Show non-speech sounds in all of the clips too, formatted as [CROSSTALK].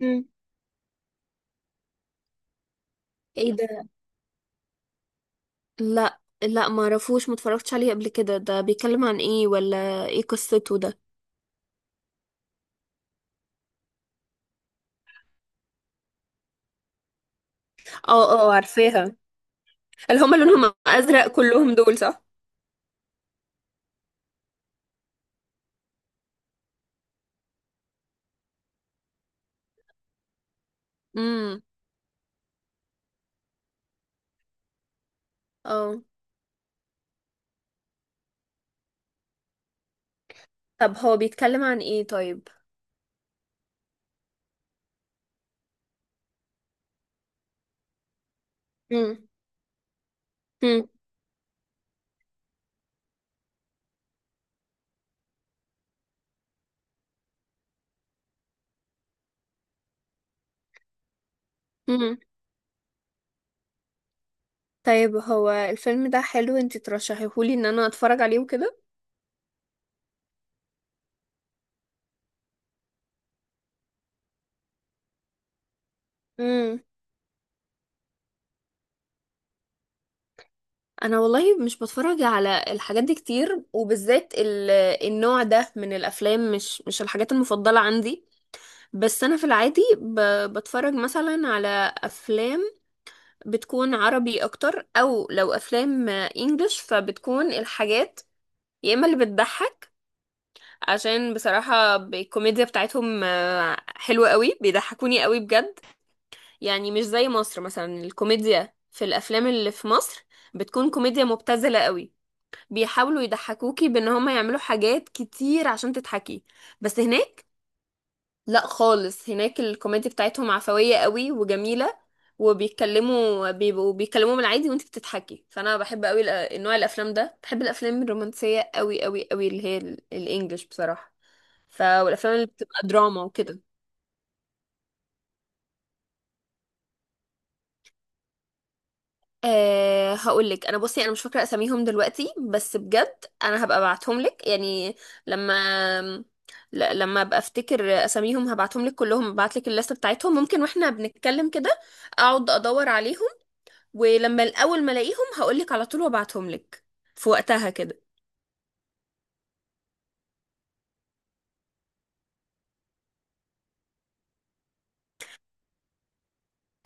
مم. ايه ده؟ لا لا ما اعرفوش، ما اتفرجتش عليه قبل كده. ده بيتكلم عن ايه؟ ولا ايه قصته ده؟ اه اه، عارفاها. اللي هما لونهم ازرق كلهم دول صح؟ امم، اه. طب هو بيتكلم عن ايه طيب؟ مم. مم. امم. طيب هو الفيلم ده حلو؟ انت ترشحيهولي ان انا اتفرج عليه وكده؟ مم. انا والله مش بتفرج على الحاجات دي كتير، وبالذات النوع ده من الافلام. مش الحاجات المفضلة عندي. بس انا في العادي بتفرج مثلا على افلام بتكون عربي اكتر، او لو افلام انجلش فبتكون الحاجات يا اما اللي بتضحك، عشان بصراحة الكوميديا بتاعتهم حلوة قوي، بيضحكوني قوي بجد. يعني مش زي مصر مثلا، الكوميديا في الافلام اللي في مصر بتكون كوميديا مبتذلة قوي، بيحاولوا يضحكوكي بان هما يعملوا حاجات كتير عشان تضحكي. بس هناك لا خالص، هناك الكوميديا بتاعتهم عفوية قوي وجميلة، وبيتكلموا، بيبقوا بيتكلموا بالعادي وانت بتضحكي. فانا بحب قوي نوع الافلام ده، بحب الافلام الرومانسية قوي قوي قوي، اللي هي الانجليش بصراحة. والافلام اللي بتبقى دراما وكده. أه هقول لك. انا بصي انا مش فاكره اساميهم دلوقتي، بس بجد انا هبقى ابعتهم لك يعني لما لما ابقى افتكر اساميهم هبعتهم لك كلهم، هبعت لك الليست بتاعتهم. ممكن واحنا بنتكلم كده اقعد ادور عليهم، ولما الاول ما الاقيهم هقولك على طول وابعتهم لك في وقتها كده.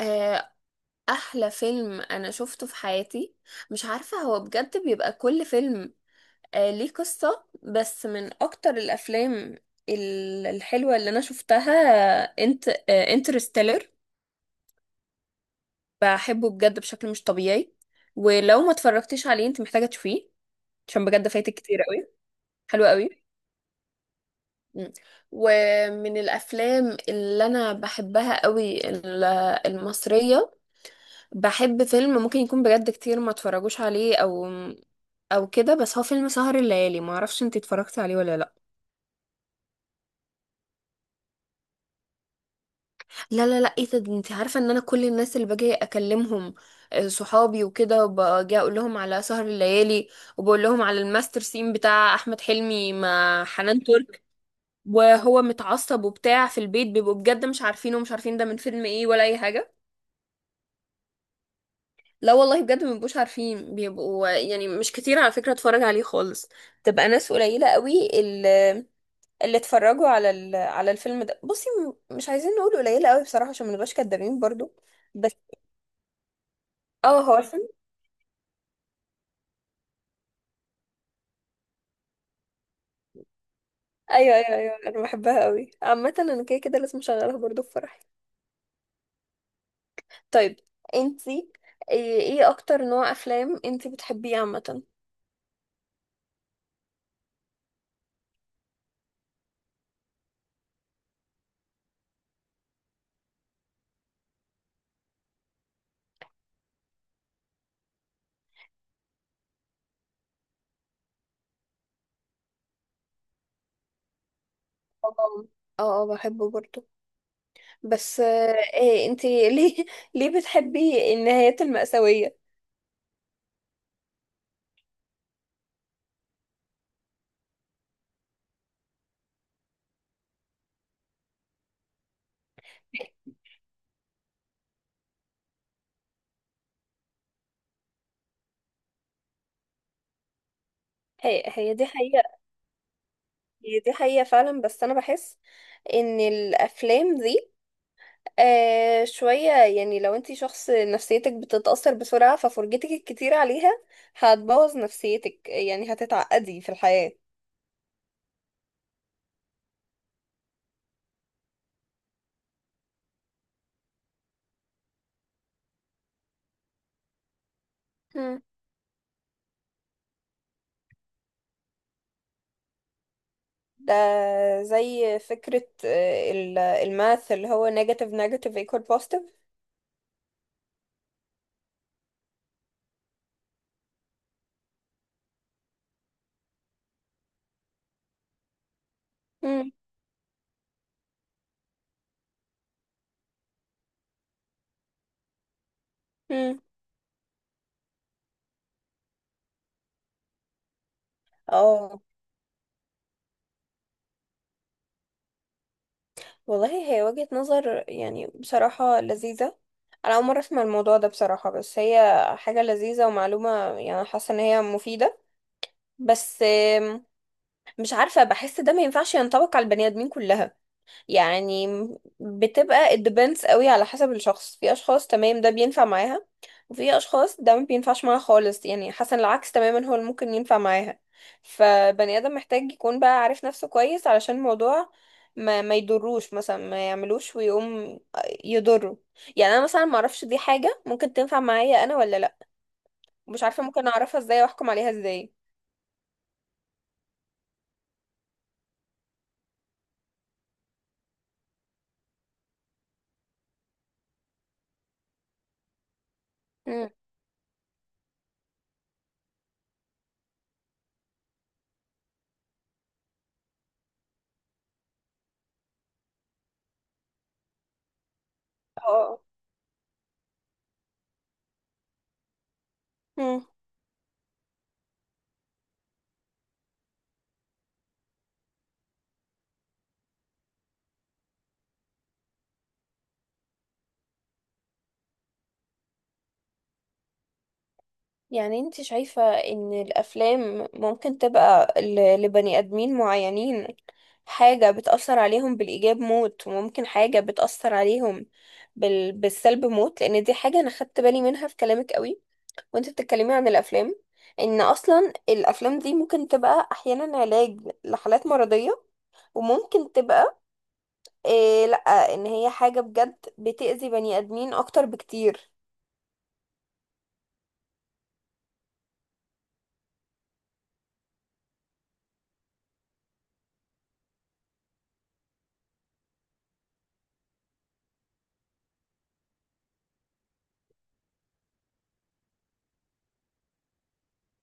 آه، احلى فيلم انا شفته في حياتي؟ مش عارفة، هو بجد بيبقى كل فيلم ليه قصة. بس من اكتر الافلام الحلوة اللي انا شفتها، انت انترستيلر. بحبه بجد بشكل مش طبيعي، ولو ما اتفرجتيش عليه انت محتاجة تشوفيه، عشان بجد فايتك كتير قوي. حلو قوي. مم. ومن الافلام اللي انا بحبها قوي المصريه، بحب فيلم ممكن يكون بجد كتير ما اتفرجوش عليه، او كده، بس هو فيلم سهر الليالي. ما اعرفش انت اتفرجتي عليه ولا لا. لا لا لا، ايه ده؟ ده انت عارفه ان انا كل الناس اللي باجي اكلمهم، صحابي وكده، باجي اقول لهم على سهر الليالي، وبقول لهم على الماستر سين بتاع احمد حلمي مع حنان ترك، وهو متعصب وبتاع في البيت، بيبقوا بجد مش عارفين، ومش عارفين ده من فيلم ايه ولا اي حاجه. لا والله بجد مبيبقوش عارفين، بيبقوا يعني مش كتير على فكرة اتفرج عليه خالص. تبقى ناس قليلة قوي اللي اتفرجوا على على الفيلم ده. بصي، مش عايزين نقول قليلة قوي بصراحة عشان ما نبقاش كدابين برضو، بس اه هو الفيلم. ايوه ايوه ايوه، انا بحبها قوي عامة، انا كده كده لازم اشغلها برضو في فرحي. طيب انتي، إيه اكتر نوع افلام انتي بتحبيه عامة؟ اه اه، اه، بحبه برضو. بس آه، إيه انتي ليه [LAUGHS] ليه بتحبي النهايات المأساوية؟ هي دي حقيقة. هي دي حقيقة فعلا، بس أنا بحس إن الأفلام دي آه شوية، يعني لو أنتي شخص نفسيتك بتتأثر بسرعة ففرجتك الكتير عليها هتبوظ نفسيتك، يعني هتتعقدي في الحياة. مم. ده زي فكرة آه، الماث اللي هو negative negative equal positive. مم. مم. اه، والله هي وجهة نظر يعني بصراحة لذيذة. أنا أول مرة أسمع الموضوع ده بصراحة، بس هي حاجة لذيذة ومعلومة، يعني حاسة إن هي مفيدة. بس آم، مش عارفة، بحس ده ما ينفعش ينطبق على البني آدمين كلها. يعني بتبقى it depends قوي على حسب الشخص. في اشخاص تمام ده بينفع معاها، وفي اشخاص ده ما بينفعش معاها خالص، يعني حسن العكس تماما هو اللي ممكن ينفع معاها. فبني ادم محتاج يكون بقى عارف نفسه كويس علشان الموضوع ما يضروش، مثلا ما يعملوش ويقوم يضره. يعني انا مثلا ما اعرفش دي حاجة ممكن تنفع معايا انا ولا لا. مش عارفة ممكن اعرفها ازاي واحكم عليها ازاي. مم. اه. يعني انت شايفة ان الافلام ممكن تبقى لبني ادمين معينين حاجة بتأثر عليهم بالإيجاب موت، وممكن حاجة بتأثر عليهم بالسلب موت؟ لأن دي حاجة أنا خدت بالي منها في كلامك قوي، وانت بتتكلمي عن الأفلام، إن أصلا الأفلام دي ممكن تبقى أحيانا علاج لحالات مرضية، وممكن تبقى إيه، لأ، إن هي حاجة بجد بتأذي بني آدمين أكتر بكتير.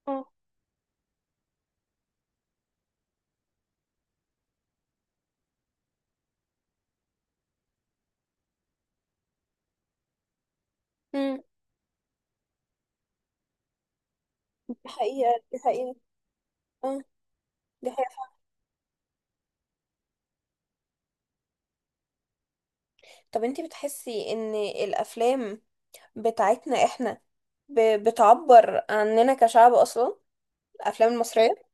اه. مم. دي حقيقة، دي حقيقة. اه، دي حقيقة. طب انتي بتحسي ان الافلام بتاعتنا احنا بتعبر عننا كشعب اصلا، الافلام المصريه؟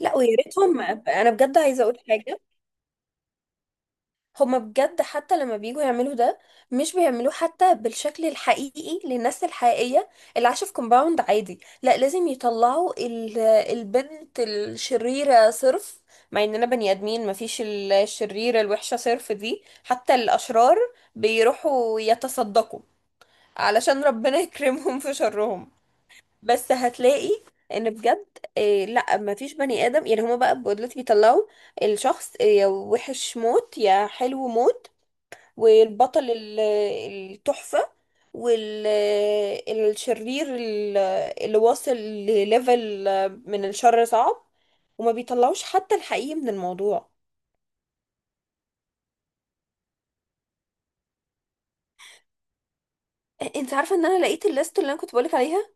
لا، ويا ريتهم. انا بجد عايزه اقول حاجه. هما بجد حتى لما بييجوا يعملوا ده مش بيعملوه حتى بالشكل الحقيقي للناس الحقيقيه اللي عايشه في كومباوند عادي. لا، لازم يطلعوا البنت الشريره صرف، مع اننا بني ادمين مفيش الشريره الوحشه صرف دي. حتى الاشرار بيروحوا يتصدقوا علشان ربنا [LAUGHS] يكرمهم في شرهم. بس هتلاقي ان بجد إيه، لا ما فيش بني ادم. يعني هما بقى دلوقتي بيطلعوا الشخص آه، يا وحش موت يا حلو موت، والبطل التحفة، والشرير اللي واصل لليفل من الشر صعب، وما بيطلعوش حتى الحقيقي من الموضوع. انت عارفة ان انا لقيت الليست اللي انا كنت بقولك عليها؟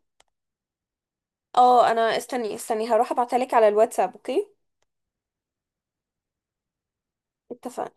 اه انا، استني هروح ابعتها لك على الواتساب، اوكي؟ اتفقنا.